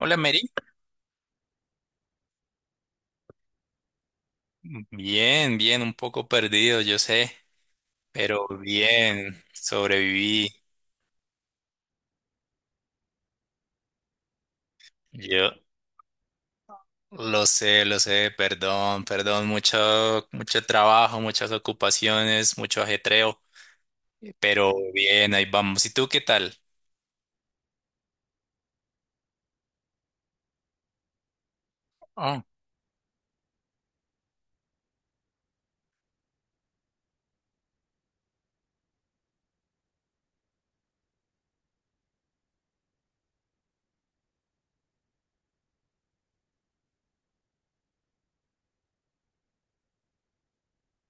Hola, Mary. Bien, bien, un poco perdido, yo sé, pero bien, sobreviví. Yo lo sé, perdón, perdón, mucho, mucho trabajo, muchas ocupaciones, mucho ajetreo, pero bien, ahí vamos. ¿Y tú qué tal? Oh,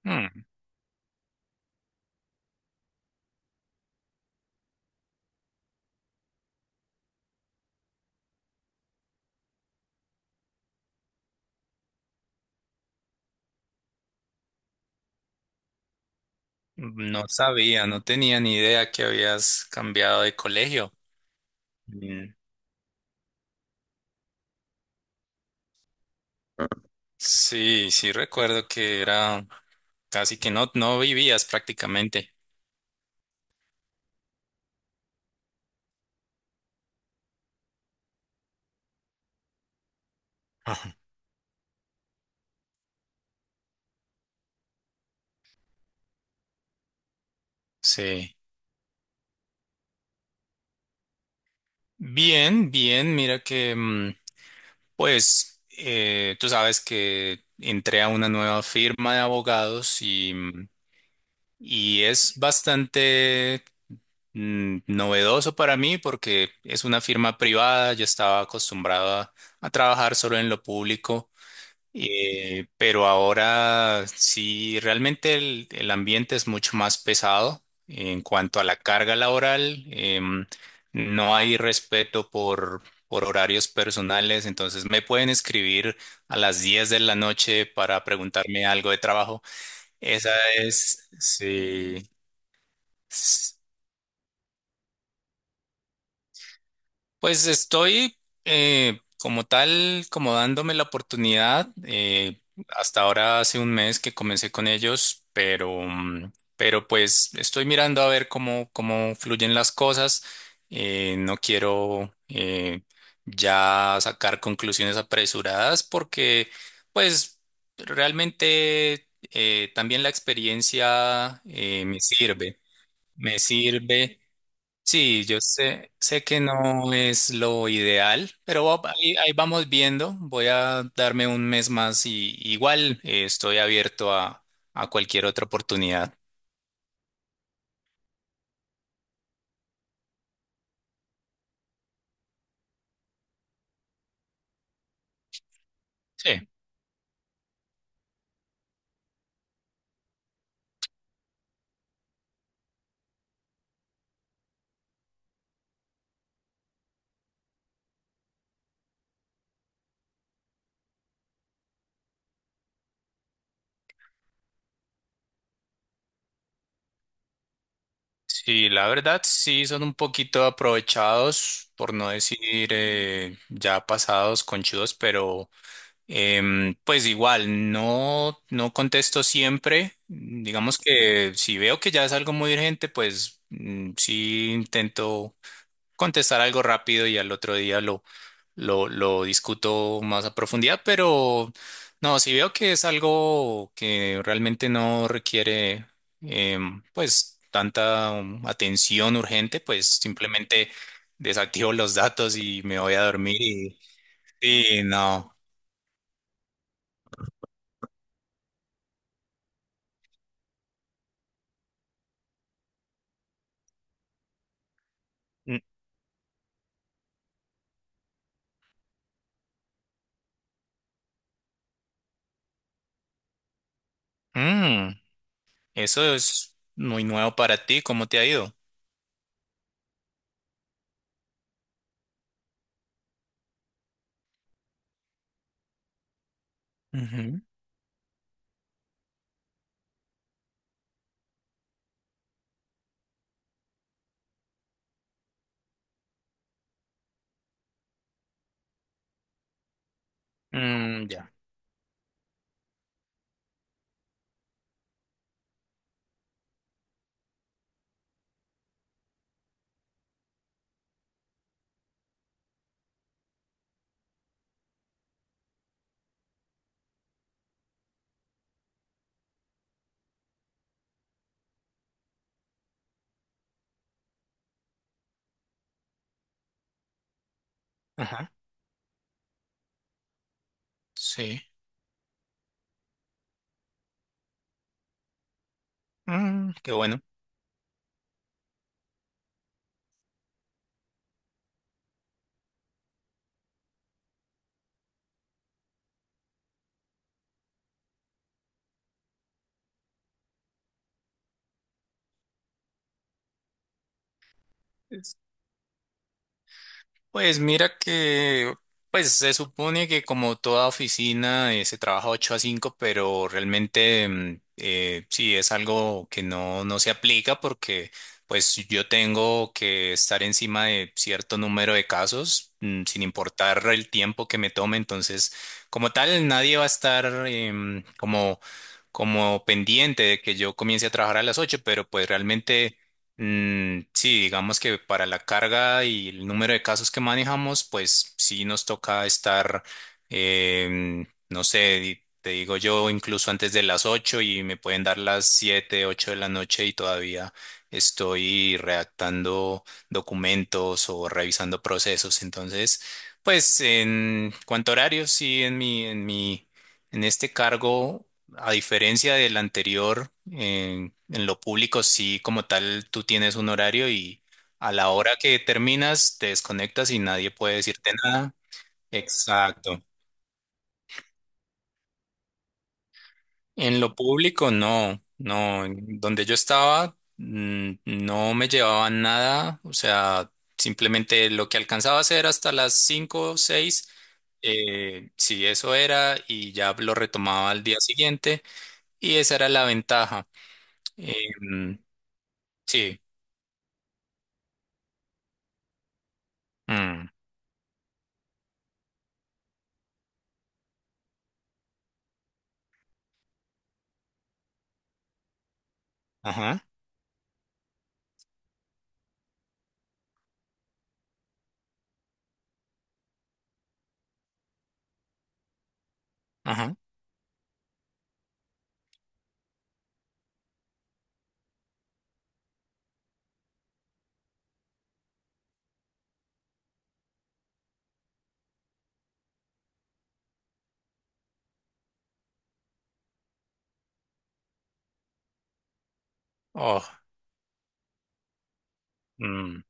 hmm, no sabía, no tenía ni idea que habías cambiado de colegio. Mm, sí, sí recuerdo que era casi que no, no vivías prácticamente. Ajá. Sí. Bien, bien, mira que pues tú sabes que entré a una nueva firma de abogados y es bastante, novedoso para mí porque es una firma privada, yo estaba acostumbrado a trabajar solo en lo público, pero ahora sí, realmente el ambiente es mucho más pesado en cuanto a la carga laboral. No hay respeto por horarios personales, entonces me pueden escribir a las 10 de la noche para preguntarme algo de trabajo. Esa es, sí. Pues estoy, como tal, como dándome la oportunidad. Hasta ahora hace un mes que comencé con ellos, pero pues estoy mirando a ver cómo fluyen las cosas. No quiero, ya sacar conclusiones apresuradas, porque pues realmente, también la experiencia, me sirve, me sirve. Sí, yo sé que no es lo ideal, pero ahí, vamos viendo. Voy a darme un mes más, y igual, estoy abierto a cualquier otra oportunidad. Sí, sí, la verdad sí son un poquito aprovechados, por no decir, ya pasados, conchudos, pero pues igual no, no contesto siempre. Digamos que si veo que ya es algo muy urgente, pues sí intento contestar algo rápido y al otro día lo discuto más a profundidad, pero no, si veo que es algo que realmente no requiere, pues tanta, atención urgente, pues simplemente desactivo los datos y me voy a dormir, y no. Mm, mm, eso es muy nuevo para ti, ¿cómo te ha ido? Ujú. Mm, ya. Ajá. Sí. Qué bueno. Pues mira que se supone que como toda oficina, se trabaja 8 a 5, pero realmente, sí es algo que no, no se aplica porque pues yo tengo que estar encima de cierto número de casos, sin importar el tiempo que me tome. Entonces, como tal, nadie va a estar, como pendiente de que yo comience a trabajar a las 8, pero pues realmente. Mm, sí, digamos que para la carga y el número de casos que manejamos, pues sí nos toca estar, no sé, te digo yo, incluso antes de las 8 y me pueden dar las 7, 8 de la noche, y todavía estoy redactando documentos o revisando procesos. Entonces, pues en cuanto a horarios, sí, en este cargo. A diferencia del anterior, en lo público sí, como tal, tú tienes un horario y a la hora que terminas te desconectas y nadie puede decirte nada. Exacto. En lo público no, no. En donde yo estaba, no me llevaban nada, o sea, simplemente lo que alcanzaba a hacer hasta las 5 o 6, sí, eso era y ya lo retomaba al día siguiente, y esa era la ventaja. Em, sí. Mm. Ajá, ajá. Oh, mm,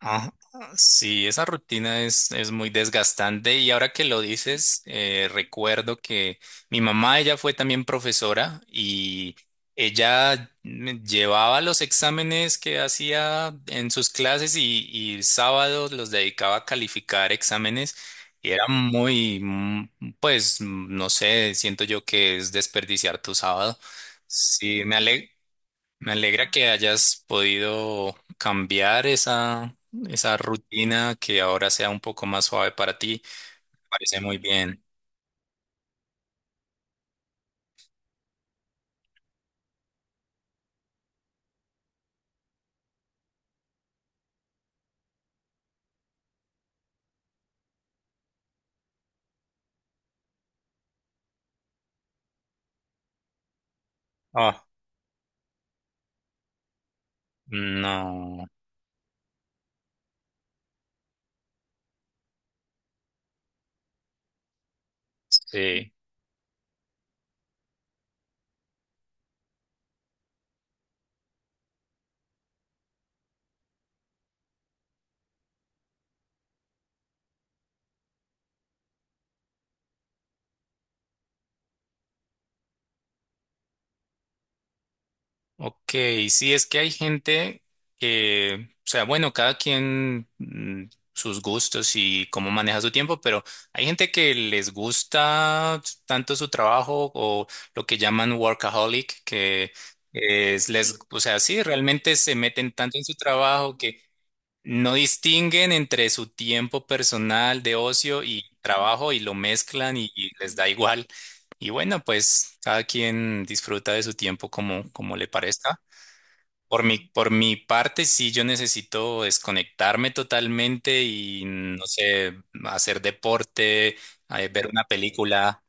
ah, sí, esa rutina es muy desgastante, y ahora que lo dices, recuerdo que mi mamá, ella fue también profesora y ella me llevaba los exámenes que hacía en sus clases, y sábados los dedicaba a calificar exámenes, y era muy, pues, no sé, siento yo que es desperdiciar tu sábado. Sí, me alegro. Me alegra que hayas podido cambiar esa rutina, que ahora sea un poco más suave para ti. Parece muy bien. Ah, no. Sí. Ok, sí, es que hay gente que, o sea, bueno, cada quien, sus gustos y cómo maneja su tiempo, pero hay gente que les gusta tanto su trabajo o lo que llaman workaholic, que es, les, o sea, sí, realmente se meten tanto en su trabajo que no distinguen entre su tiempo personal de ocio y trabajo, y lo mezclan, y les da igual. Y bueno, pues cada quien disfruta de su tiempo, como le parezca. Por mi parte, sí, yo necesito desconectarme totalmente y, no sé, hacer deporte, ver una película.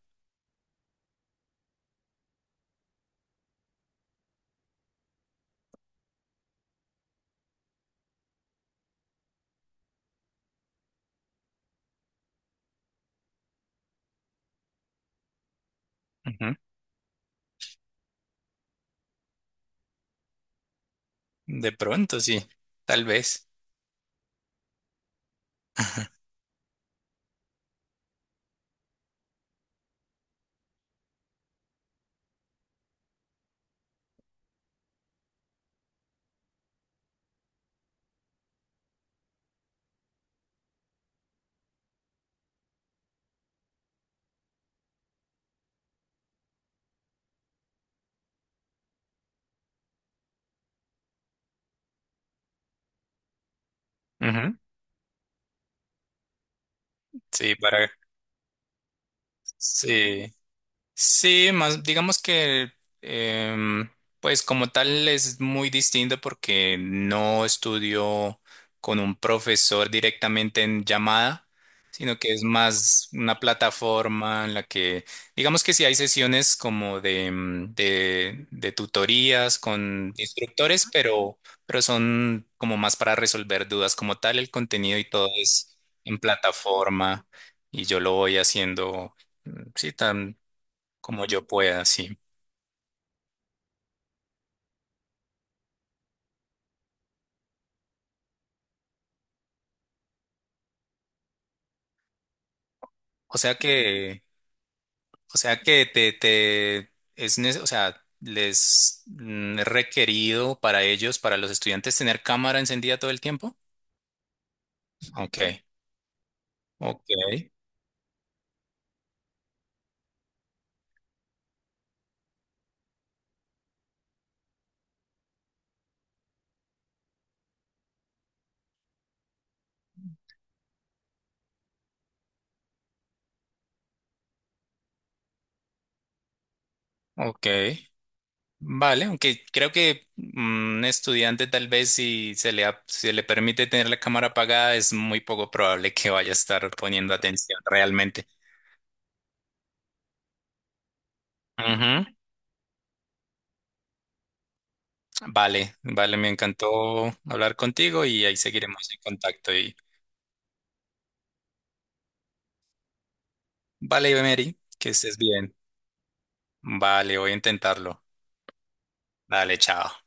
Ujú. De pronto, sí, tal vez. Ujú. Sí. Sí. Sí, más digamos que, em, pues como tal es muy distinto porque no estudio con un profesor directamente en llamada, sino que es más una plataforma en la que digamos que sí hay sesiones como de tutorías con instructores, pero son como más para resolver dudas como tal. El contenido y todo es en plataforma, y yo lo voy haciendo. Mm, sí, como yo pueda, sí. O sea que, o sea que te es, o sea, les es requerido para ellos, para los estudiantes, tener cámara encendida todo el tiempo. Ok, ok, ok. Vale, aunque creo que, un estudiante, tal vez si se le permite tener la cámara apagada, es muy poco probable que vaya a estar poniendo atención realmente. Ujú. Vale, vale, me encantó hablar contigo y ahí seguiremos en contacto. Vale, Mary, que estés bien. Vale, voy a intentarlo. Dale, chao.